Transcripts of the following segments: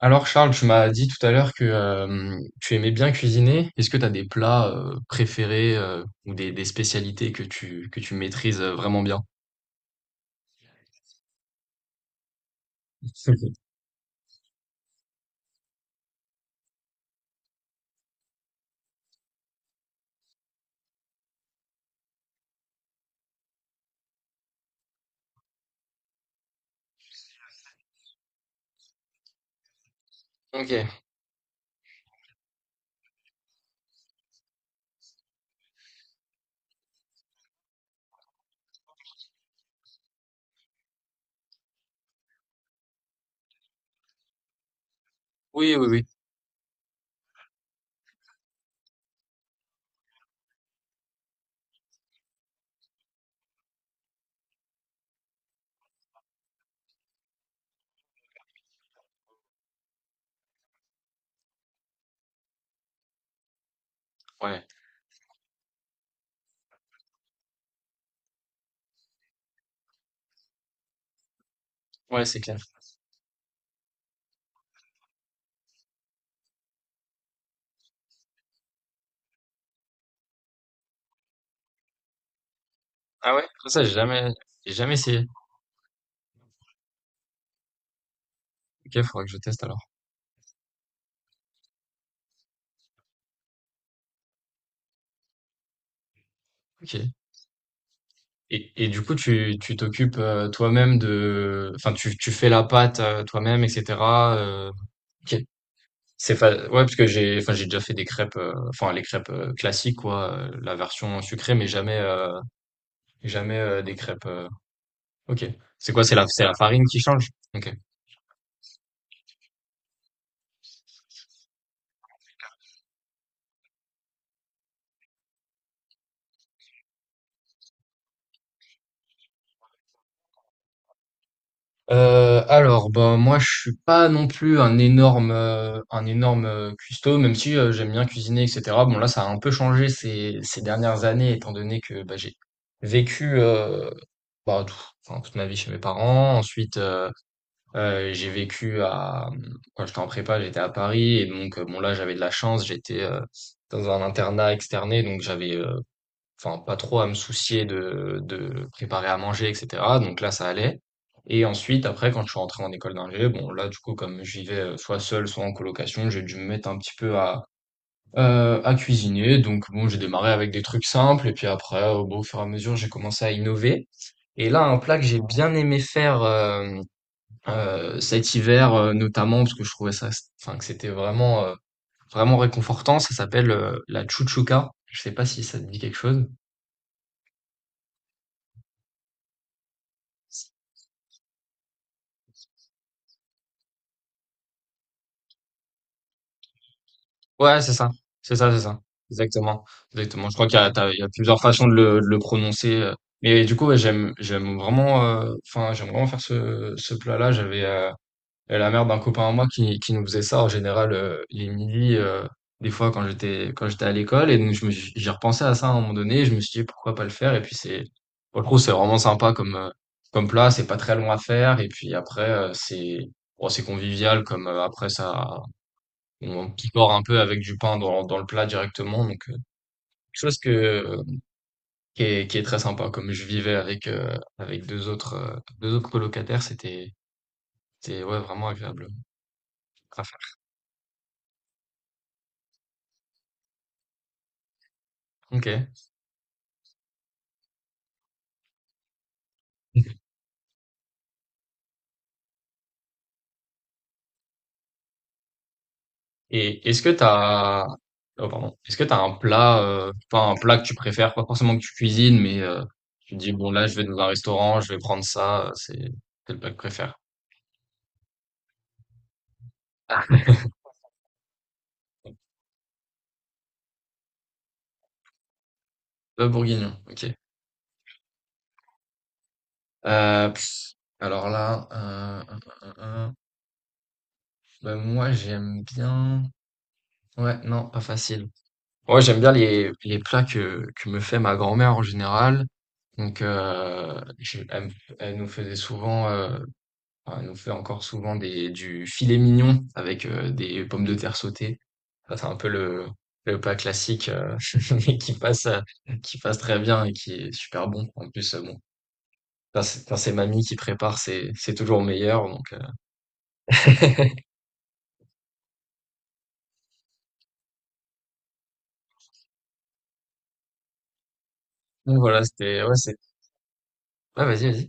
Alors Charles, tu m'as dit tout à l'heure que tu aimais bien cuisiner. Est-ce que tu as des plats préférés ou des spécialités que tu maîtrises vraiment bien? Ok. Oui, oui, oui. Ouais. Ouais, c'est clair. Ah ouais? Ça, j'ai jamais essayé. Ok, faudra que je teste alors. Ok. Et du coup, tu t'occupes toi-même de enfin tu fais la pâte toi-même, etc. euh, ok. C'est fa ouais, parce que j'ai enfin, j'ai déjà fait des crêpes, enfin les crêpes, classiques quoi, la version sucrée, mais jamais, jamais, des crêpes, OK. C'est quoi? C'est la farine qui change? OK. Heu, alors, ben, moi, je suis pas non plus un énorme, cuistot, même si, j'aime bien cuisiner et cetera. Bon, là, ça a un peu changé ces dernières années étant donné que, bah, j'ai vécu, bah, tout enfin, toute ma vie chez mes parents. Ensuite, j'ai vécu à quand j'étais en prépa, j'étais à Paris, et donc bon là j'avais de la chance, j'étais dans un internat externé, donc j'avais enfin pas trop à me soucier de préparer à manger etc. Donc là ça allait. Et ensuite après quand je suis rentré en école d'ingé, bon là du coup comme je vivais soit seul soit en colocation, j'ai dû me mettre un petit peu à à cuisiner. Donc bon j'ai démarré avec des trucs simples et puis après bon, au fur et à mesure j'ai commencé à innover. Et là un plat que j'ai bien aimé faire, cet hiver notamment, parce que je trouvais ça enfin que c'était vraiment vraiment réconfortant, ça s'appelle la chouchouka. Je sais pas si ça te dit quelque chose. Ouais c'est ça c'est ça, exactement, exactement. Je crois qu'il y a plusieurs façons de le prononcer. Mais du coup ouais, j'aime vraiment enfin j'aime vraiment faire ce plat-là. J'avais la mère d'un copain à moi qui nous faisait ça en général les midis, des fois quand j'étais à l'école. Et donc j'ai repensé à ça à un moment donné, et je me suis dit pourquoi pas le faire. Et puis c'est pour le coup c'est vraiment sympa comme comme plat. C'est pas très long à faire. Et puis après c'est bon, c'est convivial comme après ça on picore un peu avec du pain dans le plat directement. Donc quelque chose que qui est très sympa. Comme je vivais avec avec deux autres colocataires, c'était ouais vraiment agréable à faire. Ok. Et oh pardon, est-ce que t'as un plat, enfin un plat que tu préfères, pas forcément que tu cuisines, mais tu te dis bon là je vais dans un restaurant, je vais prendre ça, c'est le plat que je préfère. Le bourguignon, ok. Euh, pff, alors là, euh, bah, moi j'aime bien. Ouais, non, pas facile. Ouais, j'aime bien les plats que, me fait ma grand-mère en général. Donc, elle nous faisait souvent. Ah, elle nous fait encore souvent des du filet mignon avec, des pommes de terre sautées. Ça, c'est un peu le plat classique, mais qui passe très bien et qui est super bon. En plus, bon, quand c'est mamie qui prépare, c'est toujours meilleur donc donc voilà, c'était ouais, c'est ouais, vas-y, vas-y.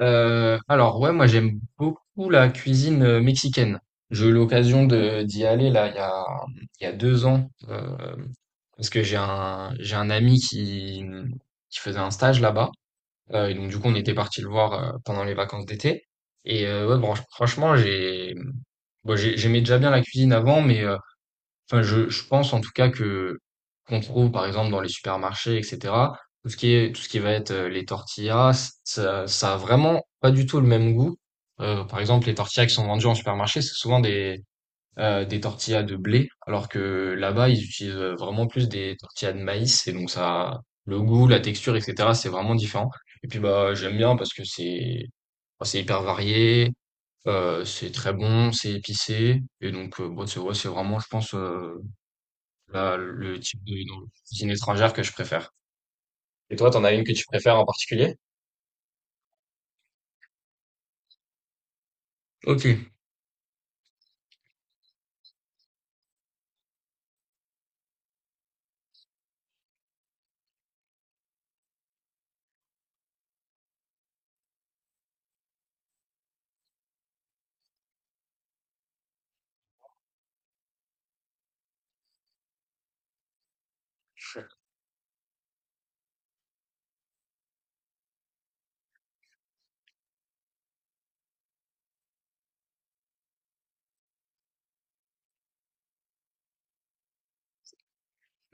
Alors ouais, moi j'aime beaucoup la cuisine mexicaine. J'ai eu l'occasion de d'y aller là il y a 2 ans parce que j'ai un ami qui faisait un stage là-bas. Et donc du coup on était parti le voir pendant les vacances d'été, et ouais bon, franchement j'aimais déjà bien la cuisine avant, mais enfin, je pense en tout cas que qu'on trouve par exemple dans les supermarchés, etc. Tout ce qui est tout ce qui va être les tortillas, ça a vraiment pas du tout le même goût. Par exemple, les tortillas qui sont vendues en supermarché, c'est souvent des tortillas de blé, alors que là-bas ils utilisent vraiment plus des tortillas de maïs, et donc ça le goût, la texture, etc. C'est vraiment différent. Et puis bah j'aime bien parce que c'est bah, c'est hyper varié, c'est très bon, c'est épicé, et donc bon, c'est ouais, c'est vraiment je pense la le type de non, cuisine étrangère que je préfère. Et toi, t'en as une que tu préfères en particulier? Ok.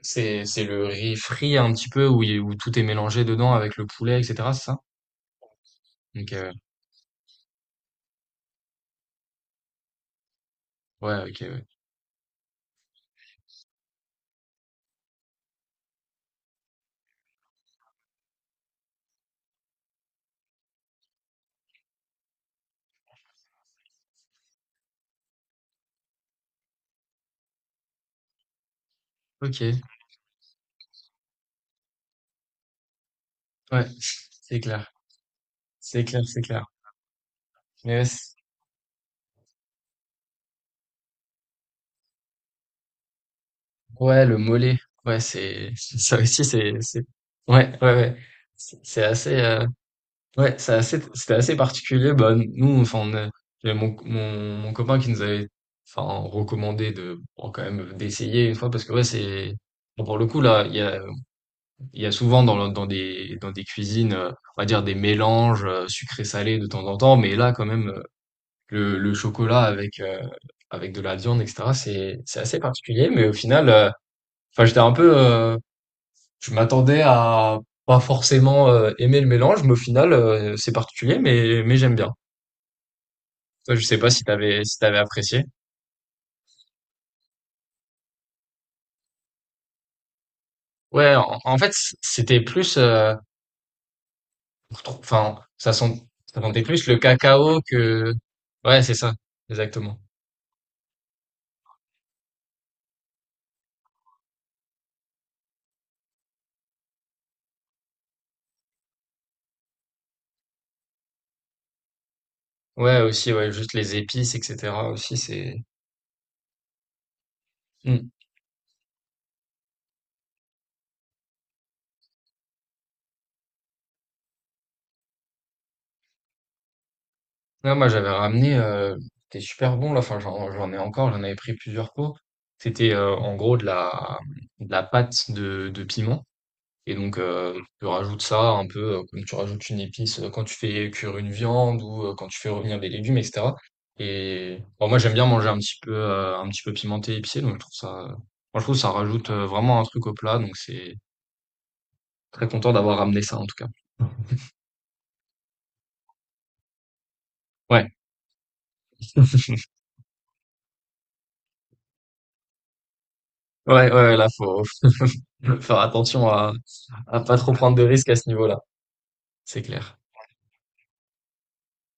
C'est le riz frit un petit peu où il où tout est mélangé dedans avec le poulet, et cetera, c'est ça? OK, ouais. Ouais, OK, ouais. OK, ouais, c'est clair. C'est clair, c'est clair. Mais ouais, c ouais, le mollet, ouais, c'est ça aussi, c'est ouais, ouais, ouais. C'est assez, ouais, c'est assez, c'était assez particulier. Bah, nous, j'avais mon copain qui nous avait, enfin, recommandé de, bon, quand même, d'essayer une fois parce que ouais, c'est, bon, pour le coup, là, il y a souvent dans des, cuisines, on va dire des mélanges sucré-salé de temps en temps, mais là, quand même, le chocolat avec, avec de la viande, etc., c'est assez particulier, mais au final, enfin, j'étais un peu, je m'attendais à, pas forcément aimer le mélange, mais au final, c'est particulier, mais j'aime bien. Toi, je sais pas si t'avais apprécié. Ouais, en fait, c'était plus, enfin, ça sentait plus le cacao que, ouais, c'est ça, exactement. Ouais, aussi, ouais, juste les épices, etc. aussi, c'est. Hmm. Non, moi, j'avais ramené, c'était super bon là. Enfin, j'en ai encore, j'en avais pris plusieurs pots. C'était en gros de la pâte de piment. Et donc, tu rajoutes ça un peu comme tu rajoutes une épice quand tu fais cuire une viande ou quand tu fais revenir des légumes, etc. Et bon, moi, j'aime bien manger un petit peu pimenté, épicé, donc je trouve ça, moi, je trouve que ça rajoute vraiment un truc au plat, donc c'est très content d'avoir ramené ça en tout cas. Ouais, ouais, ouais, là, faut faut faire attention à pas trop prendre de risques à ce niveau-là, c'est clair.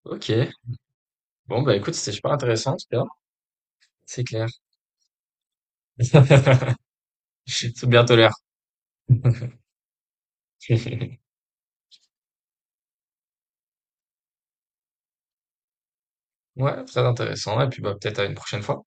Ok, bon, bah écoute, c'était super intéressant en tout cas, c'est clair. C'est bien tolère. Ouais, très intéressant, et puis bah peut-être à une prochaine fois.